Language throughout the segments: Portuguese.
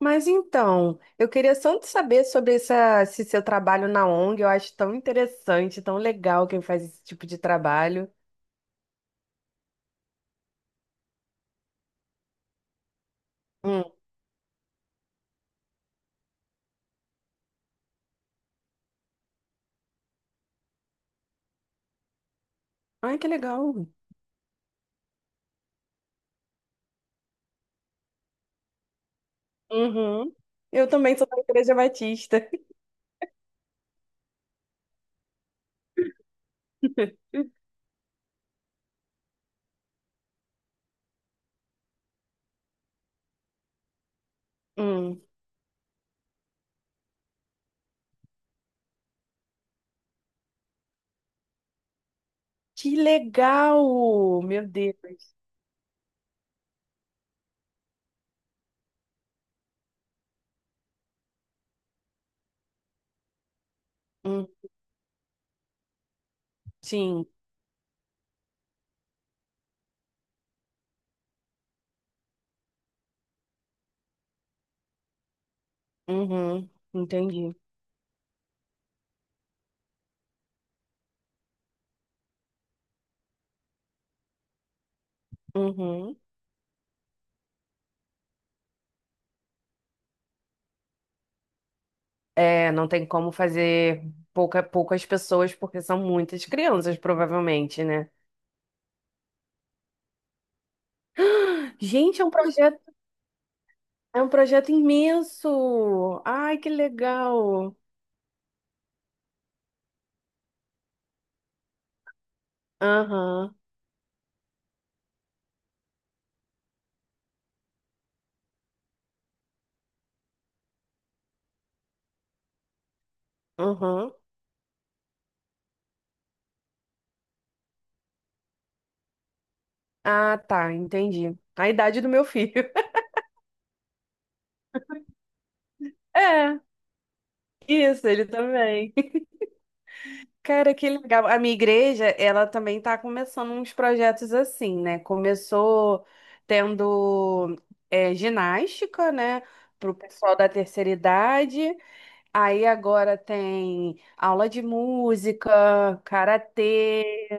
Mas então, eu queria só te saber sobre esse seu trabalho na ONG. Eu acho tão interessante, tão legal quem faz esse tipo de trabalho. Hum. Ai, que legal. Uhum. Eu também sou da Igreja Batista. Hum. Que legal! Meu Deus. Hum. Sim. Uhum. Entendi. Uhum. É, não tem como fazer poucas pessoas, porque são muitas crianças, provavelmente, né? Gente, é um projeto. É um projeto imenso. Ai, que legal. Aham, aham. Ah, tá, entendi. A idade do meu filho. É, isso, ele também. Cara, que legal. A minha igreja, ela também tá começando uns projetos assim, né? Começou tendo ginástica, né? Pro pessoal da terceira idade. Aí agora tem aula de música, karatê.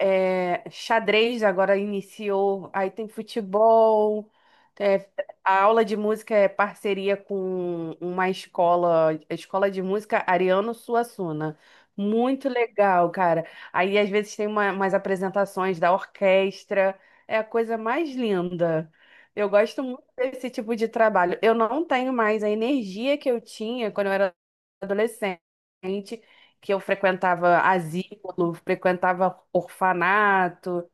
É, xadrez agora iniciou, aí tem futebol, é, a aula de música é parceria com uma escola, a escola de música Ariano Suassuna. Muito legal, cara. Aí às vezes tem umas apresentações da orquestra, é a coisa mais linda. Eu gosto muito desse tipo de trabalho. Eu não tenho mais a energia que eu tinha quando eu era adolescente que eu frequentava asilo, frequentava orfanato,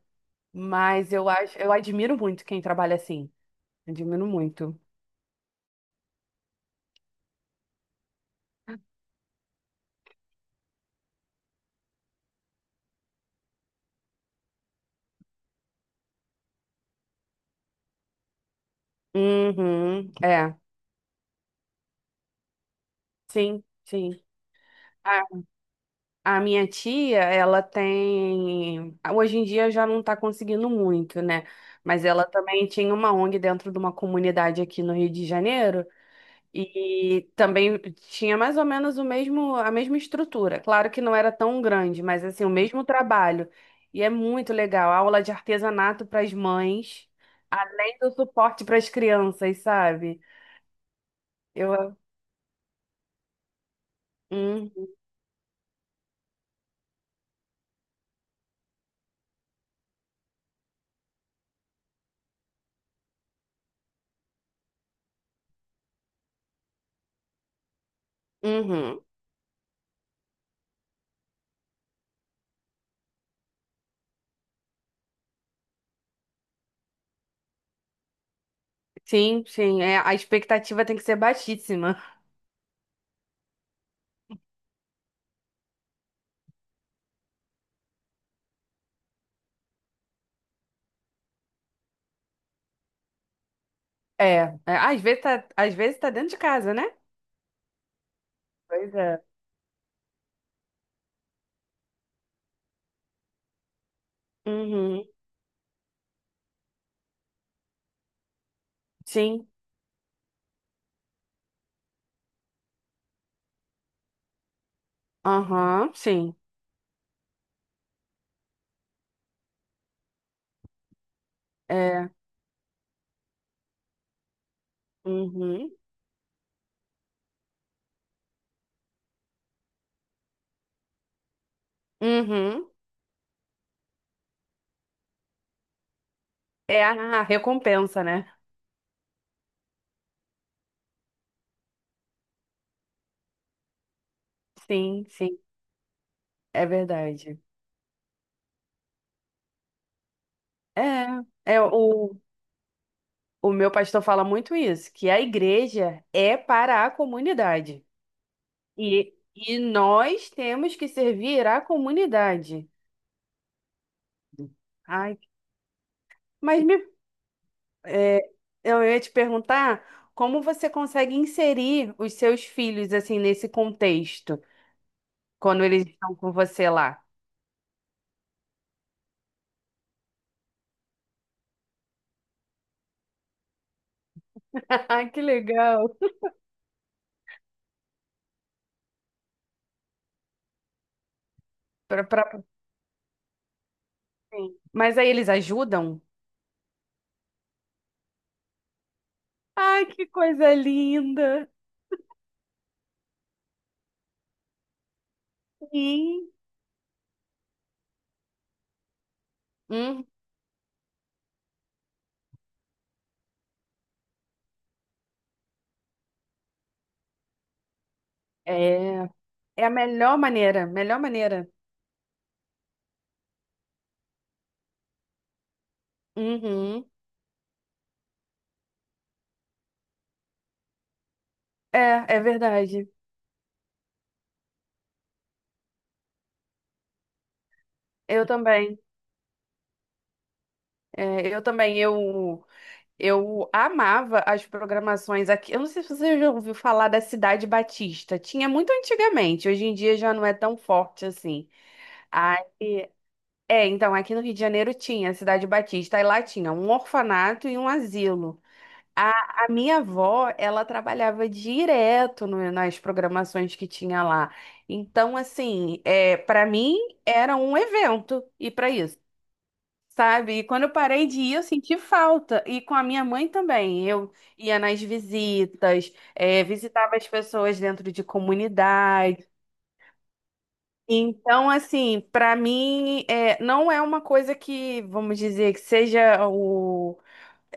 mas eu acho, eu admiro muito quem trabalha assim. Admiro muito. Uhum, é, sim, sim. A, a minha tia, ela tem. Hoje em dia já não tá conseguindo muito, né? Mas ela também tinha uma ONG dentro de uma comunidade aqui no Rio de Janeiro. E também tinha mais ou menos a mesma estrutura. Claro que não era tão grande, mas assim, o mesmo trabalho. E é muito legal. Aula de artesanato para as mães, além do suporte para as crianças, sabe? Eu. Hum, uhum. Sim, sim. É, a expectativa tem que ser baixíssima. É, às vezes às vezes tá dentro de casa, né? Pois é. Uhum. Sim. Aham, sim. É. Uhum. Uhum. É a recompensa, né? Sim, sim, é verdade. É, é o meu pastor fala muito isso, que a igreja é para a comunidade. E nós temos que servir à comunidade. Ai, mas me, é, eu ia te perguntar como você consegue inserir os seus filhos assim nesse contexto, quando eles estão com você lá. Ai, que legal. Pra, pra, sim. Mas aí eles ajudam? Ai, que coisa linda. Sim. Uhum. É, é a melhor maneira, melhor maneira. Uhum. É, é verdade. Eu também. É, eu também. Eu amava as programações aqui. Eu não sei se você já ouviu falar da Cidade Batista. Tinha muito antigamente. Hoje em dia já não é tão forte assim. Aí, é, então aqui no Rio de Janeiro tinha a Cidade Batista. Aí lá tinha um orfanato e um asilo. A minha avó, ela trabalhava direto nas programações que tinha lá. Então, assim, é, para mim era um evento ir para isso, sabe? E quando eu parei de ir, eu senti falta. E com a minha mãe também. Eu ia nas visitas, é, visitava as pessoas dentro de comunidade. Então, assim, para mim, é, não é uma coisa que, vamos dizer, que seja o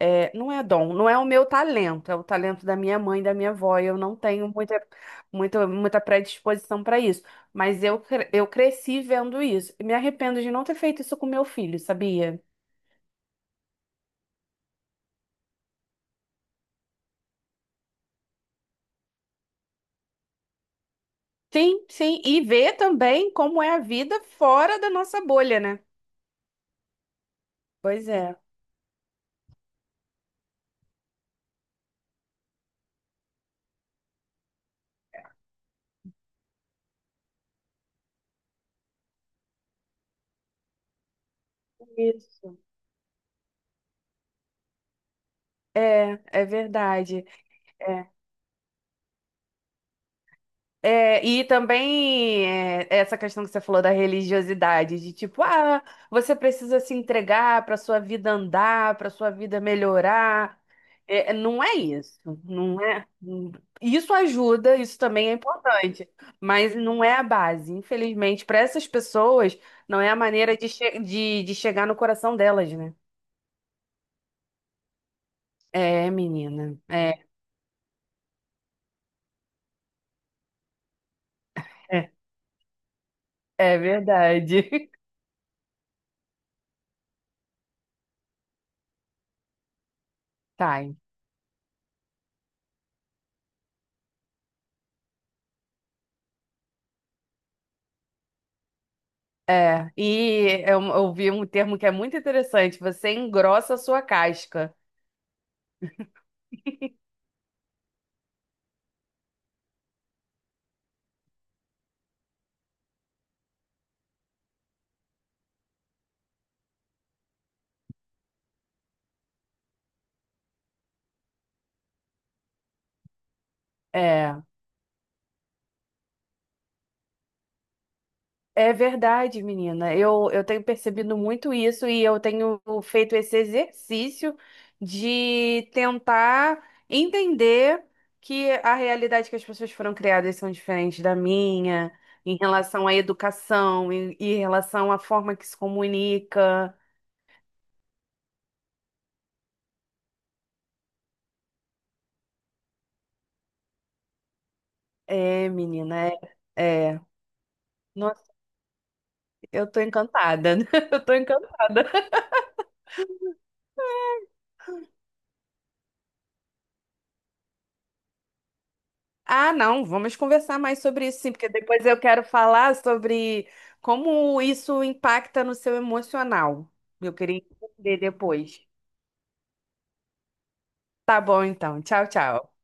é, não é dom, não é o meu talento, é o talento da minha mãe, da minha avó. Eu não tenho muita, muita, muita predisposição para isso, mas eu cresci vendo isso. E me arrependo de não ter feito isso com meu filho, sabia? Sim, sim, e ver também como é a vida fora da nossa bolha, né? Pois é. Isso. É, é verdade. É. É, e também é, essa questão que você falou da religiosidade, de tipo, ah, você precisa se entregar para sua vida andar, para sua vida melhorar. É, é, não é isso, não é. Hum, isso ajuda, isso também é importante, mas não é a base. Infelizmente, para essas pessoas, não é a maneira de, de chegar no coração delas, né? É, menina, é, é é verdade. Tá, é, e eu vi um termo que é muito interessante, você engrossa a sua casca. É, é verdade, menina. Eu tenho percebido muito isso e eu tenho feito esse exercício de tentar entender que a realidade que as pessoas foram criadas são diferentes da minha, em relação à educação, em relação à forma que se comunica. É, menina, é. É. Nossa, eu tô encantada. Eu tô encantada. Ah, não, vamos conversar mais sobre isso, sim, porque depois eu quero falar sobre como isso impacta no seu emocional. Eu queria entender depois. Tá bom, então. Tchau, tchau.